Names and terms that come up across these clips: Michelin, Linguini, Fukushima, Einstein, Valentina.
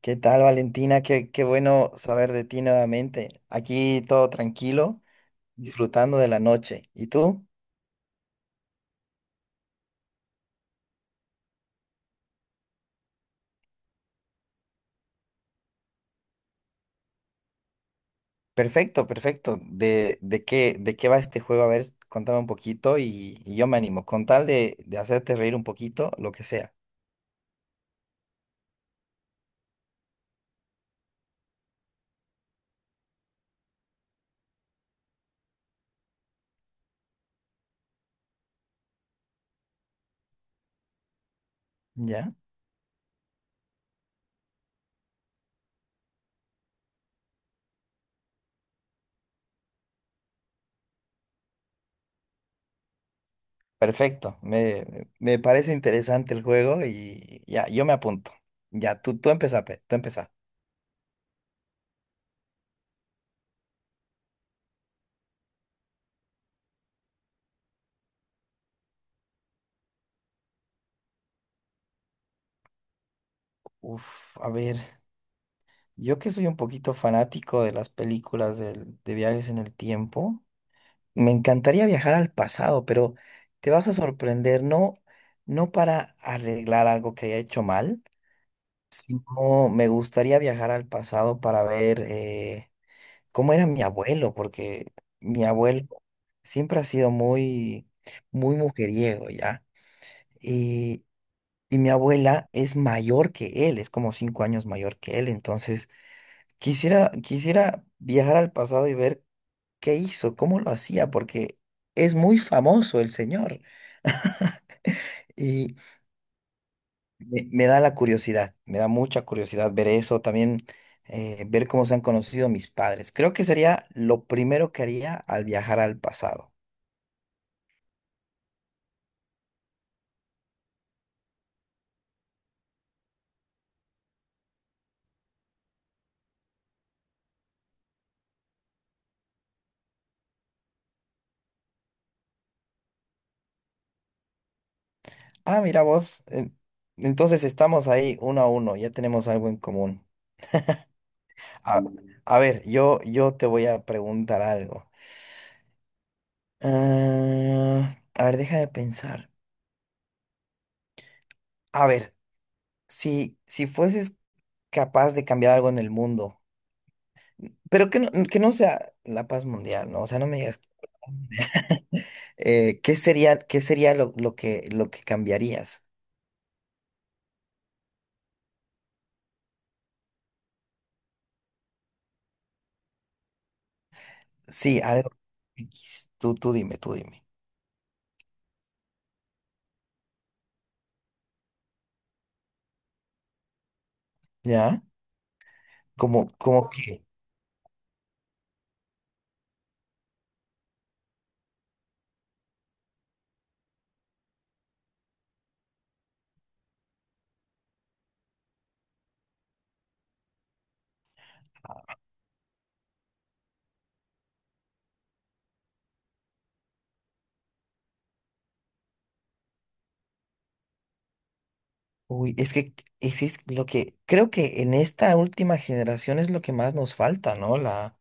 ¿Qué tal, Valentina? Qué bueno saber de ti nuevamente. Aquí todo tranquilo, disfrutando de la noche. ¿Y tú? Perfecto, perfecto. ¿De qué va este juego? A ver, contame un poquito y yo me animo. Con tal de hacerte reír un poquito, lo que sea. ¿Ya? Perfecto. Me parece interesante el juego y ya, yo me apunto. Ya, tú empezá, pe, tú empezá. Uf, a ver, yo que soy un poquito fanático de las películas de viajes en el tiempo. Me encantaría viajar al pasado, pero te vas a sorprender, no, no para arreglar algo que haya hecho mal, sino me gustaría viajar al pasado para ver cómo era mi abuelo, porque mi abuelo siempre ha sido muy, muy mujeriego, ¿ya? Y, y mi abuela es mayor que él, es como cinco años mayor que él, entonces quisiera viajar al pasado y ver. ¿Qué hizo? ¿Cómo lo hacía? Porque es muy famoso el señor y me da la curiosidad, me da mucha curiosidad ver eso, también ver cómo se han conocido mis padres. Creo que sería lo primero que haría al viajar al pasado. Ah, mira vos, entonces estamos ahí uno a uno, ya tenemos algo en común. A, a ver, yo te voy a preguntar algo. Ah, a ver, deja de pensar. A ver, si fueses capaz de cambiar algo en el mundo, pero que no sea la paz mundial, ¿no? O sea, no me digas. Qué sería lo que cambiarías? Sí, algo. X. Tú dime, tú dime. ¿Ya? Como, como que. Uy, es que es lo que. Creo que en esta última generación es lo que más nos falta, ¿no? La,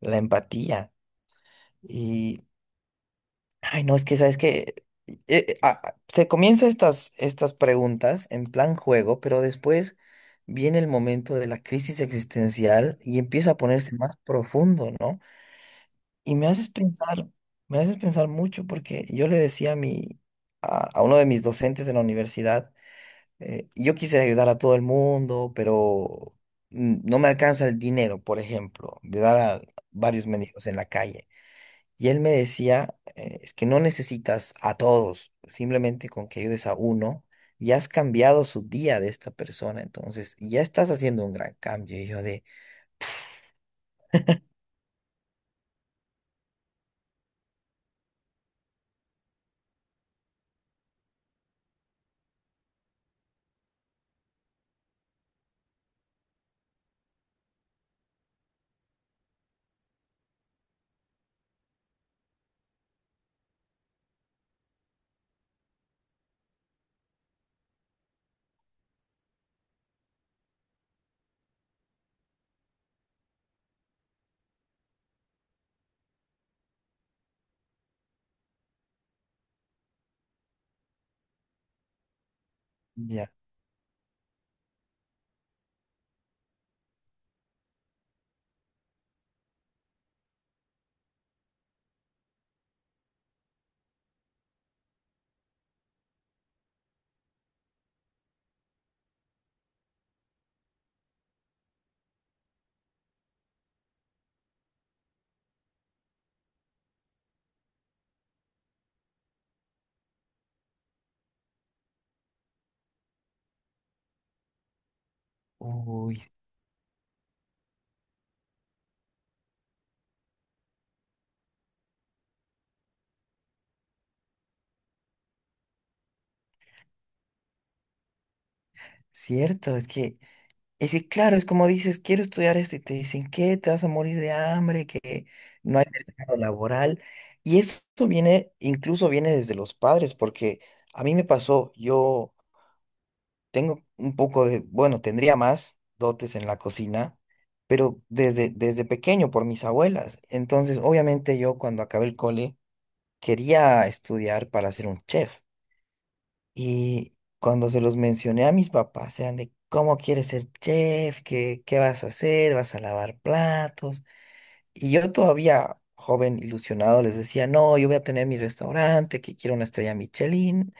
la empatía. Y ay, no, es que sabes que se comienza estas preguntas en plan juego, pero después viene el momento de la crisis existencial y empieza a ponerse más profundo, ¿no? Y me haces pensar mucho porque yo le decía a uno de mis docentes en la universidad, yo quisiera ayudar a todo el mundo, pero no me alcanza el dinero, por ejemplo, de dar a varios mendigos en la calle. Y él me decía, es que no necesitas a todos, simplemente con que ayudes a uno, ya has cambiado su día de esta persona, entonces ya estás haciendo un gran cambio. Y yo de, ya, uy, cierto, es que claro, es como dices, quiero estudiar esto y te dicen, ¿qué? Te vas a morir de hambre, que no hay mercado laboral. Y eso viene, incluso viene desde los padres, porque a mí me pasó, yo... Tengo un poco de, bueno, tendría más dotes en la cocina, pero desde pequeño por mis abuelas. Entonces, obviamente yo cuando acabé el cole quería estudiar para ser un chef. Y cuando se los mencioné a mis papás, eran de, ¿cómo quieres ser chef? ¿Qué vas a hacer? ¿Vas a lavar platos? Y yo todavía, joven, ilusionado, les decía, no, yo voy a tener mi restaurante, que quiero una estrella Michelin.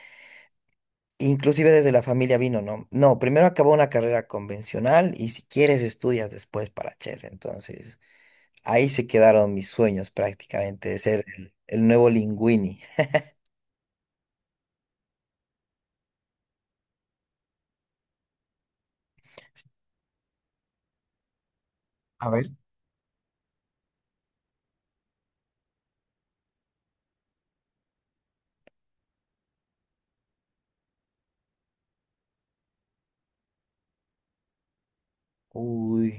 Inclusive desde la familia vino, ¿no? No, primero acabó una carrera convencional y si quieres estudias después para chef. Entonces, ahí se quedaron mis sueños prácticamente de ser el nuevo Linguini. A ver. Uy,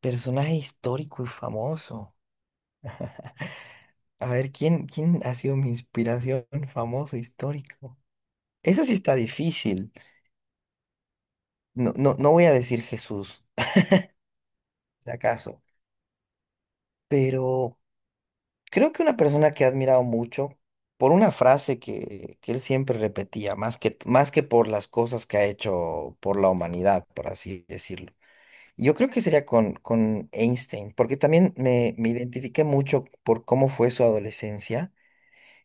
personaje histórico y famoso. A ver, ¿quién ha sido mi inspiración famoso histórico? Eso sí está difícil. No, no, no voy a decir Jesús, si acaso, pero... Creo que una persona que he admirado mucho por una frase que él siempre repetía, más que por las cosas que ha hecho por la humanidad, por así decirlo. Yo creo que sería con Einstein, porque también me identifiqué mucho por cómo fue su adolescencia.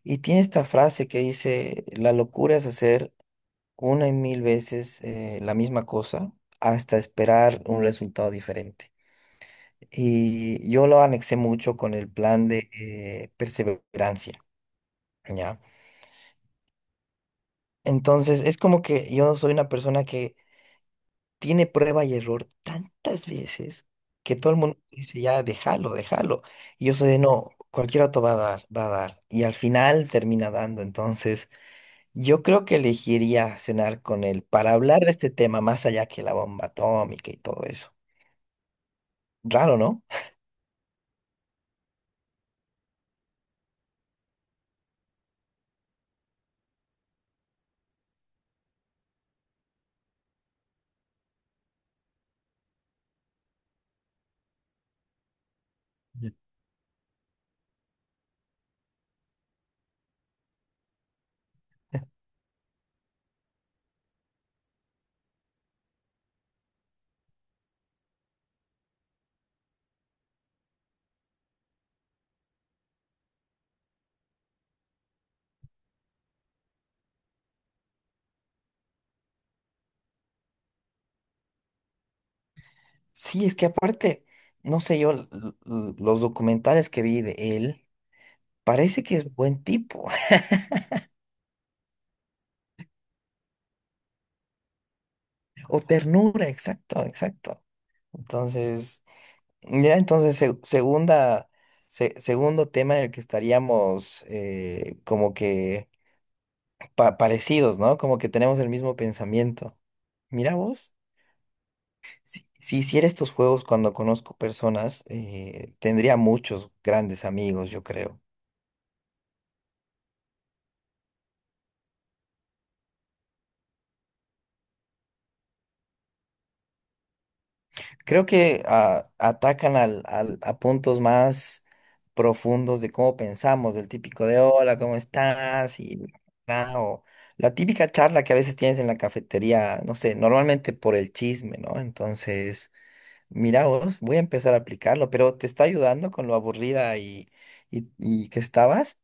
Y tiene esta frase que dice, la locura es hacer una y mil veces la misma cosa hasta esperar un resultado diferente. Y yo lo anexé mucho con el plan de perseverancia. ¿Ya? Entonces, es como que yo soy una persona que tiene prueba y error tantas veces que todo el mundo dice, ya, déjalo, déjalo. Y yo soy de, no, cualquier auto va a dar, va a dar. Y al final termina dando. Entonces, yo creo que elegiría cenar con él para hablar de este tema más allá que la bomba atómica y todo eso. Raro, ¿no? Ya. Sí, es que aparte, no sé yo, los documentales que vi de él, parece que es buen tipo. O ternura, exacto, exacto. Entonces, ya entonces, segunda, segundo tema en el que estaríamos como que parecidos, ¿no? Como que tenemos el mismo pensamiento. Mira vos, si hiciera estos juegos cuando conozco personas, tendría muchos grandes amigos, yo creo. Creo que atacan al, a puntos más profundos de cómo pensamos, del típico de hola, ¿cómo estás? Y bla, o la típica charla que a veces tienes en la cafetería, no sé, normalmente por el chisme, ¿no? Entonces, mira vos, voy a empezar a aplicarlo, pero ¿te está ayudando con lo aburrida y que estabas?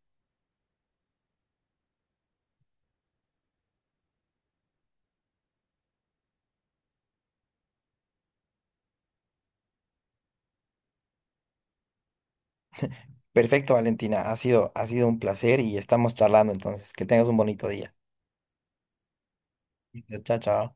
Perfecto, Valentina, ha sido un placer y estamos charlando, entonces, que tengas un bonito día. Chao, chao.